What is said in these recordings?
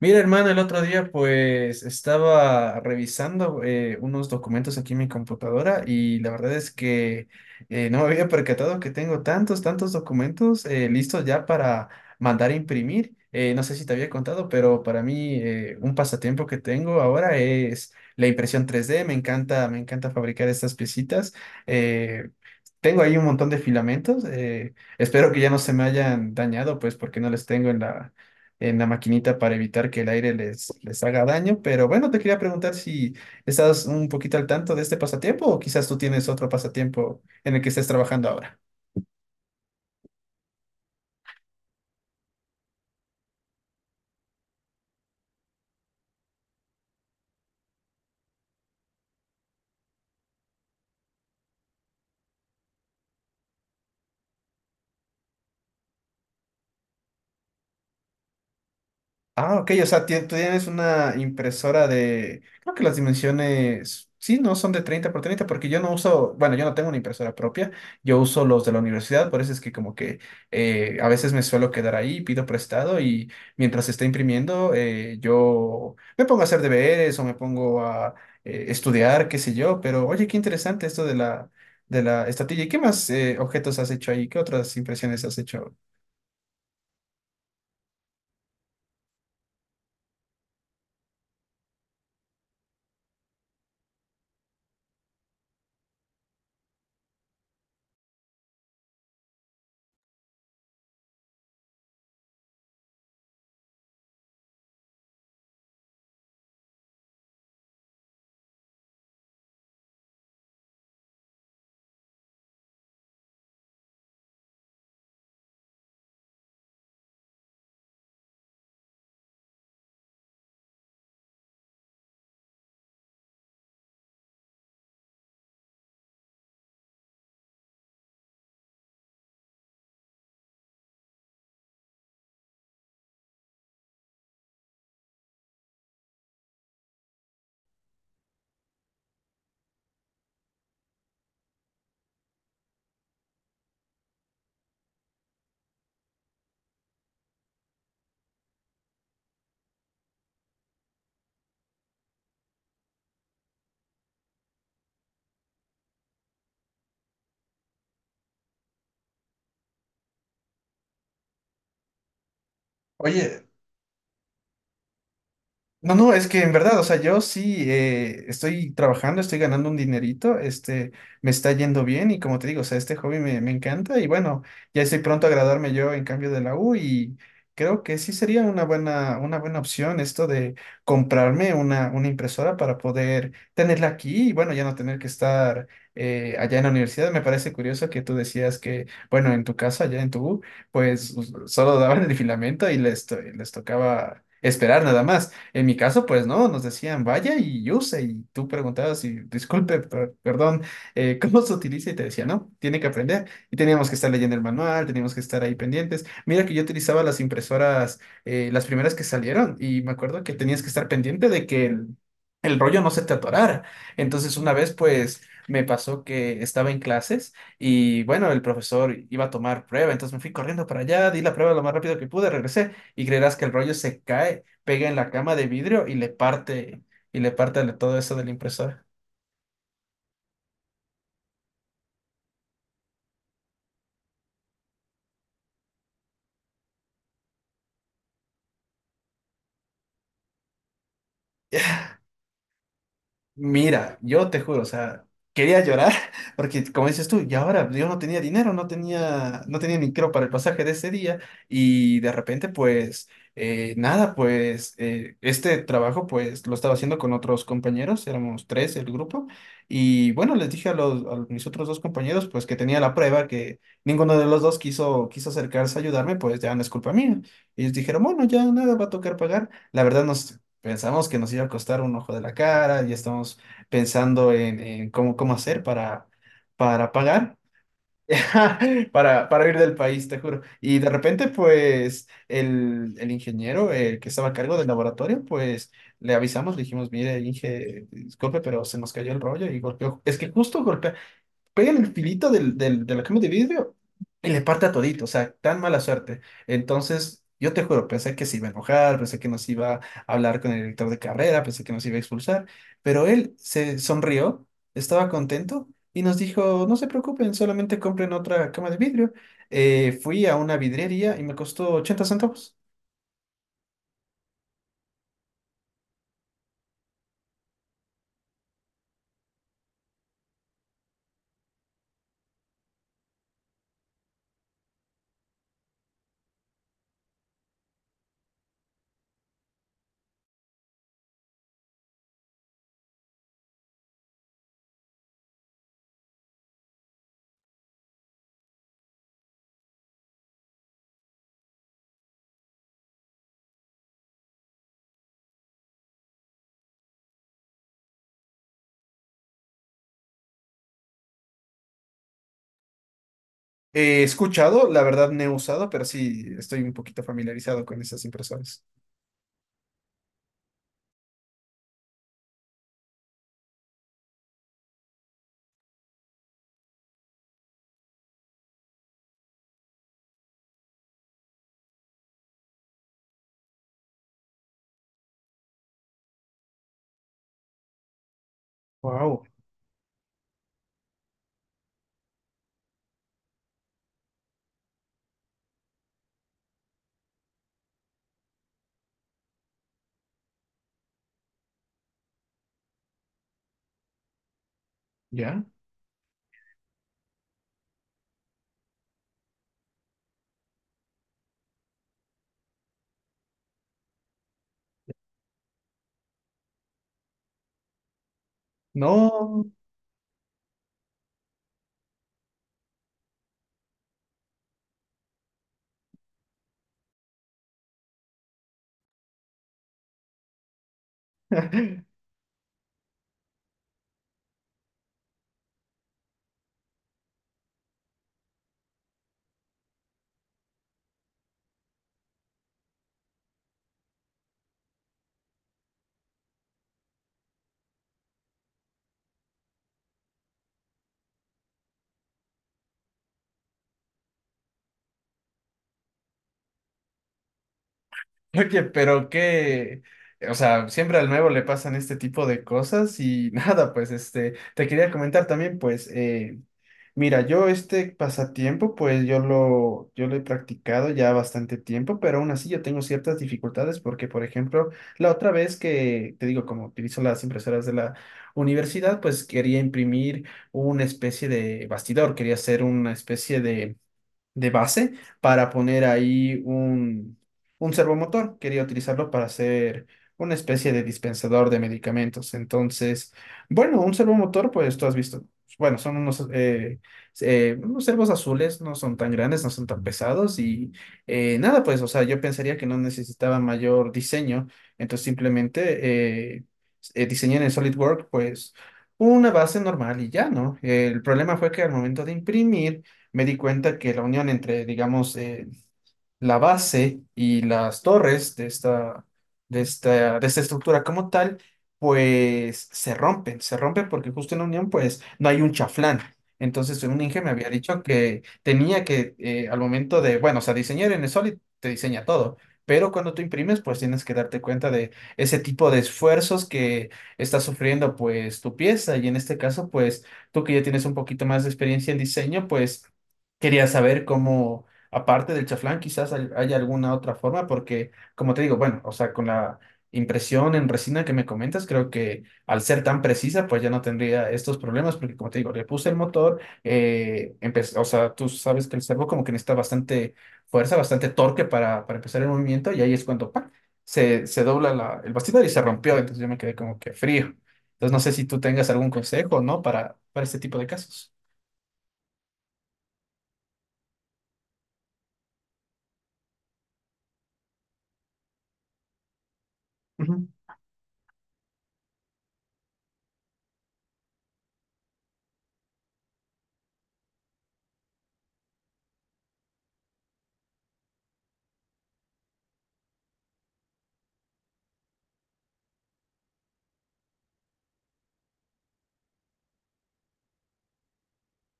Mira, hermano, el otro día pues estaba revisando unos documentos aquí en mi computadora y la verdad es que no me había percatado que tengo tantos, tantos documentos listos ya para mandar a imprimir. No sé si te había contado, pero para mí un pasatiempo que tengo ahora es la impresión 3D. Me encanta fabricar estas piecitas. Eh, Tengo ahí un montón de filamentos. Espero que ya no se me hayan dañado, pues porque no les tengo en la, maquinita para evitar que el aire les haga daño. Pero bueno, te quería preguntar si estás un poquito al tanto de este pasatiempo o quizás tú tienes otro pasatiempo en el que estés trabajando ahora. Ah, ok, o sea, tú tienes una impresora de, creo que las dimensiones, sí, no son de 30 por 30, porque yo no uso, bueno, yo no tengo una impresora propia, yo uso los de la universidad, por eso es que como que a veces me suelo quedar ahí, pido prestado y mientras se está imprimiendo, yo me pongo a hacer deberes o me pongo a estudiar, qué sé yo, pero oye, qué interesante esto de la, estatilla. ¿Y qué más objetos has hecho ahí? ¿Qué otras impresiones has hecho? Oye, no, no, es que en verdad, o sea, yo sí estoy trabajando, estoy ganando un dinerito, este, me está yendo bien y como te digo, o sea, este hobby me encanta y bueno, ya estoy pronto a graduarme yo en cambio de la U y creo que sí sería una buena, opción esto de comprarme una impresora para poder tenerla aquí y bueno, ya no tener que estar allá en la universidad. Me parece curioso que tú decías que, bueno, en tu casa, allá en tu U, pues solo daban el filamento y les tocaba esperar nada más. En mi caso, pues no, nos decían vaya y use, y tú preguntabas y disculpe, perdón, ¿cómo se utiliza? Y te decía, no, tiene que aprender. Y teníamos que estar leyendo el manual, teníamos que estar ahí pendientes. Mira que yo utilizaba las impresoras, las primeras que salieron, y me acuerdo que tenías que estar pendiente de que el, rollo no se te atorara. Entonces, una vez, pues me pasó que estaba en clases. Y bueno, el profesor iba a tomar prueba, entonces me fui corriendo para allá, di la prueba lo más rápido que pude, regresé y creerás que el rollo se cae pega en la cama de vidrio y le parte todo eso de la impresora. Mira, yo te juro, o sea, quería llorar porque como dices tú, y ahora yo no tenía dinero, no tenía ni creo para el pasaje de ese día y de repente pues nada, pues este trabajo pues lo estaba haciendo con otros compañeros, éramos tres el grupo y bueno, les dije a los, a mis otros dos compañeros pues que tenía la prueba, que ninguno de los dos quiso acercarse a ayudarme, pues ya no es culpa mía. Y ellos dijeron, bueno, ya nada, va a tocar pagar. La verdad no. Pensamos que nos iba a costar un ojo de la cara, ya estamos pensando en, cómo, hacer para, pagar, para, ir del país, te juro. Y de repente, pues, el, ingeniero, el que estaba a cargo del laboratorio, pues, le avisamos, le dijimos, mire, Inge, disculpe, pero se nos cayó el rollo y golpeó. Es que justo golpeó, pega en el filito del, de la cama de vidrio y le parte a todito, o sea, tan mala suerte. Entonces, yo te juro, pensé que se iba a enojar, pensé que nos iba a hablar con el director de carrera, pensé que nos iba a expulsar, pero él se sonrió, estaba contento y nos dijo, no se preocupen, solamente compren otra cama de vidrio. Fui a una vidriería y me costó 80 centavos. He escuchado, la verdad no he usado, pero sí estoy un poquito familiarizado con esas impresoras. Wow, ¿ya? No. Oye, pero qué, o sea, siempre al nuevo le pasan este tipo de cosas y nada, pues este, te quería comentar también, pues, mira, yo este pasatiempo, pues yo lo he practicado ya bastante tiempo, pero aún así yo tengo ciertas dificultades porque, por ejemplo, la otra vez que, te digo, como utilizo las impresoras de la universidad, pues quería imprimir una especie de bastidor, quería hacer una especie de base para poner ahí un, servomotor. Quería utilizarlo para hacer una especie de dispensador de medicamentos. Entonces, bueno, un servomotor, pues tú has visto. Bueno, son unos, unos servos azules, no son tan grandes, no son tan pesados y nada, pues, o sea, yo pensaría que no necesitaba mayor diseño, entonces simplemente diseñé en el SolidWorks, pues, una base normal y ya, ¿no? El problema fue que al momento de imprimir, me di cuenta que la unión entre, digamos, la base y las torres de esta, estructura como tal, pues se rompen, porque justo en la unión pues no hay un chaflán. Entonces un Inge me había dicho que tenía que al momento de, bueno, o sea, diseñar en el Solid te diseña todo. Pero cuando tú imprimes, pues tienes que darte cuenta de ese tipo de esfuerzos que está sufriendo pues tu pieza. Y en este caso, pues tú que ya tienes un poquito más de experiencia en diseño, pues quería saber cómo, aparte del chaflán, quizás haya alguna otra forma, porque, como te digo, bueno, o sea, con la impresión en resina que me comentas, creo que al ser tan precisa, pues ya no tendría estos problemas, porque, como te digo, le puse el motor, o sea, tú sabes que el servo como que necesita bastante fuerza, bastante torque para, empezar el movimiento, y ahí es cuando ¡pac! Se dobla el bastidor y se rompió, entonces yo me quedé como que frío. Entonces, no sé si tú tengas algún consejo, ¿no? Para, este tipo de casos. Ujú.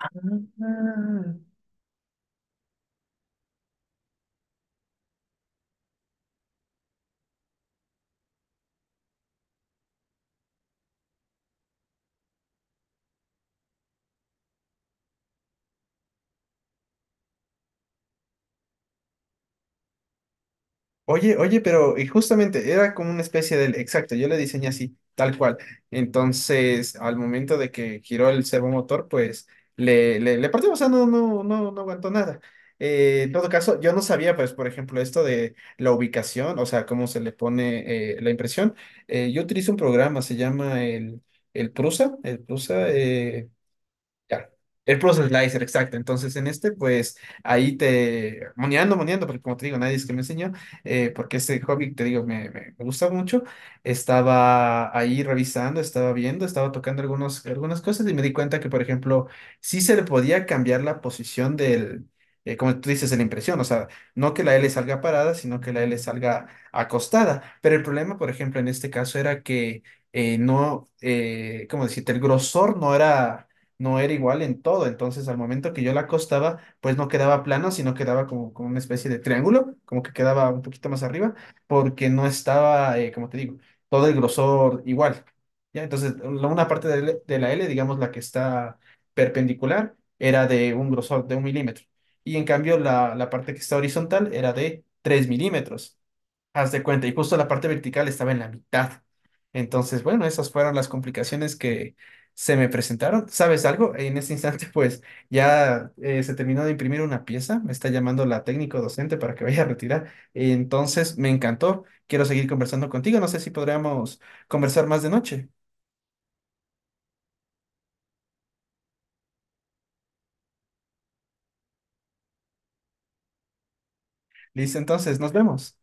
Ah. Oye, oye, pero y justamente era como una especie del, exacto, yo le diseñé así, tal cual. Entonces, al momento de que giró el servomotor, pues le partió, o sea, no, no, no, no aguantó nada. En todo caso, yo no sabía, pues, por ejemplo, esto de la ubicación, o sea, cómo se le pone la impresión. Yo utilizo un programa, se llama el, Prusa, ya. El Process Slicer, exacto. Entonces, en este, pues, ahí te... Moneando, moneando, porque como te digo, nadie es que me enseñó, porque este hobby, te digo, me gusta mucho. Estaba ahí revisando, estaba viendo, estaba tocando algunos, algunas cosas y me di cuenta que, por ejemplo, sí se le podía cambiar la posición del... como tú dices, de la impresión, o sea, no que la L salga parada, sino que la L salga acostada. Pero el problema, por ejemplo, en este caso era que no, ¿cómo decirte? El grosor no era, igual en todo. Entonces, al momento que yo la acostaba, pues no quedaba plano, sino quedaba como, una especie de triángulo, como que quedaba un poquito más arriba, porque no estaba, como te digo, todo el grosor igual. ¿Ya? Entonces, una parte de la L, digamos la que está perpendicular, era de un grosor de 1 milímetro. Y en cambio, la, parte que está horizontal era de 3 milímetros. Haz de cuenta, y justo la parte vertical estaba en la mitad. Entonces, bueno, esas fueron las complicaciones que se me presentaron. ¿Sabes algo? En este instante, pues ya se terminó de imprimir una pieza, me está llamando la técnico docente para que vaya a retirar. Entonces, me encantó, quiero seguir conversando contigo, no sé si podríamos conversar más de noche. Listo, entonces, nos vemos.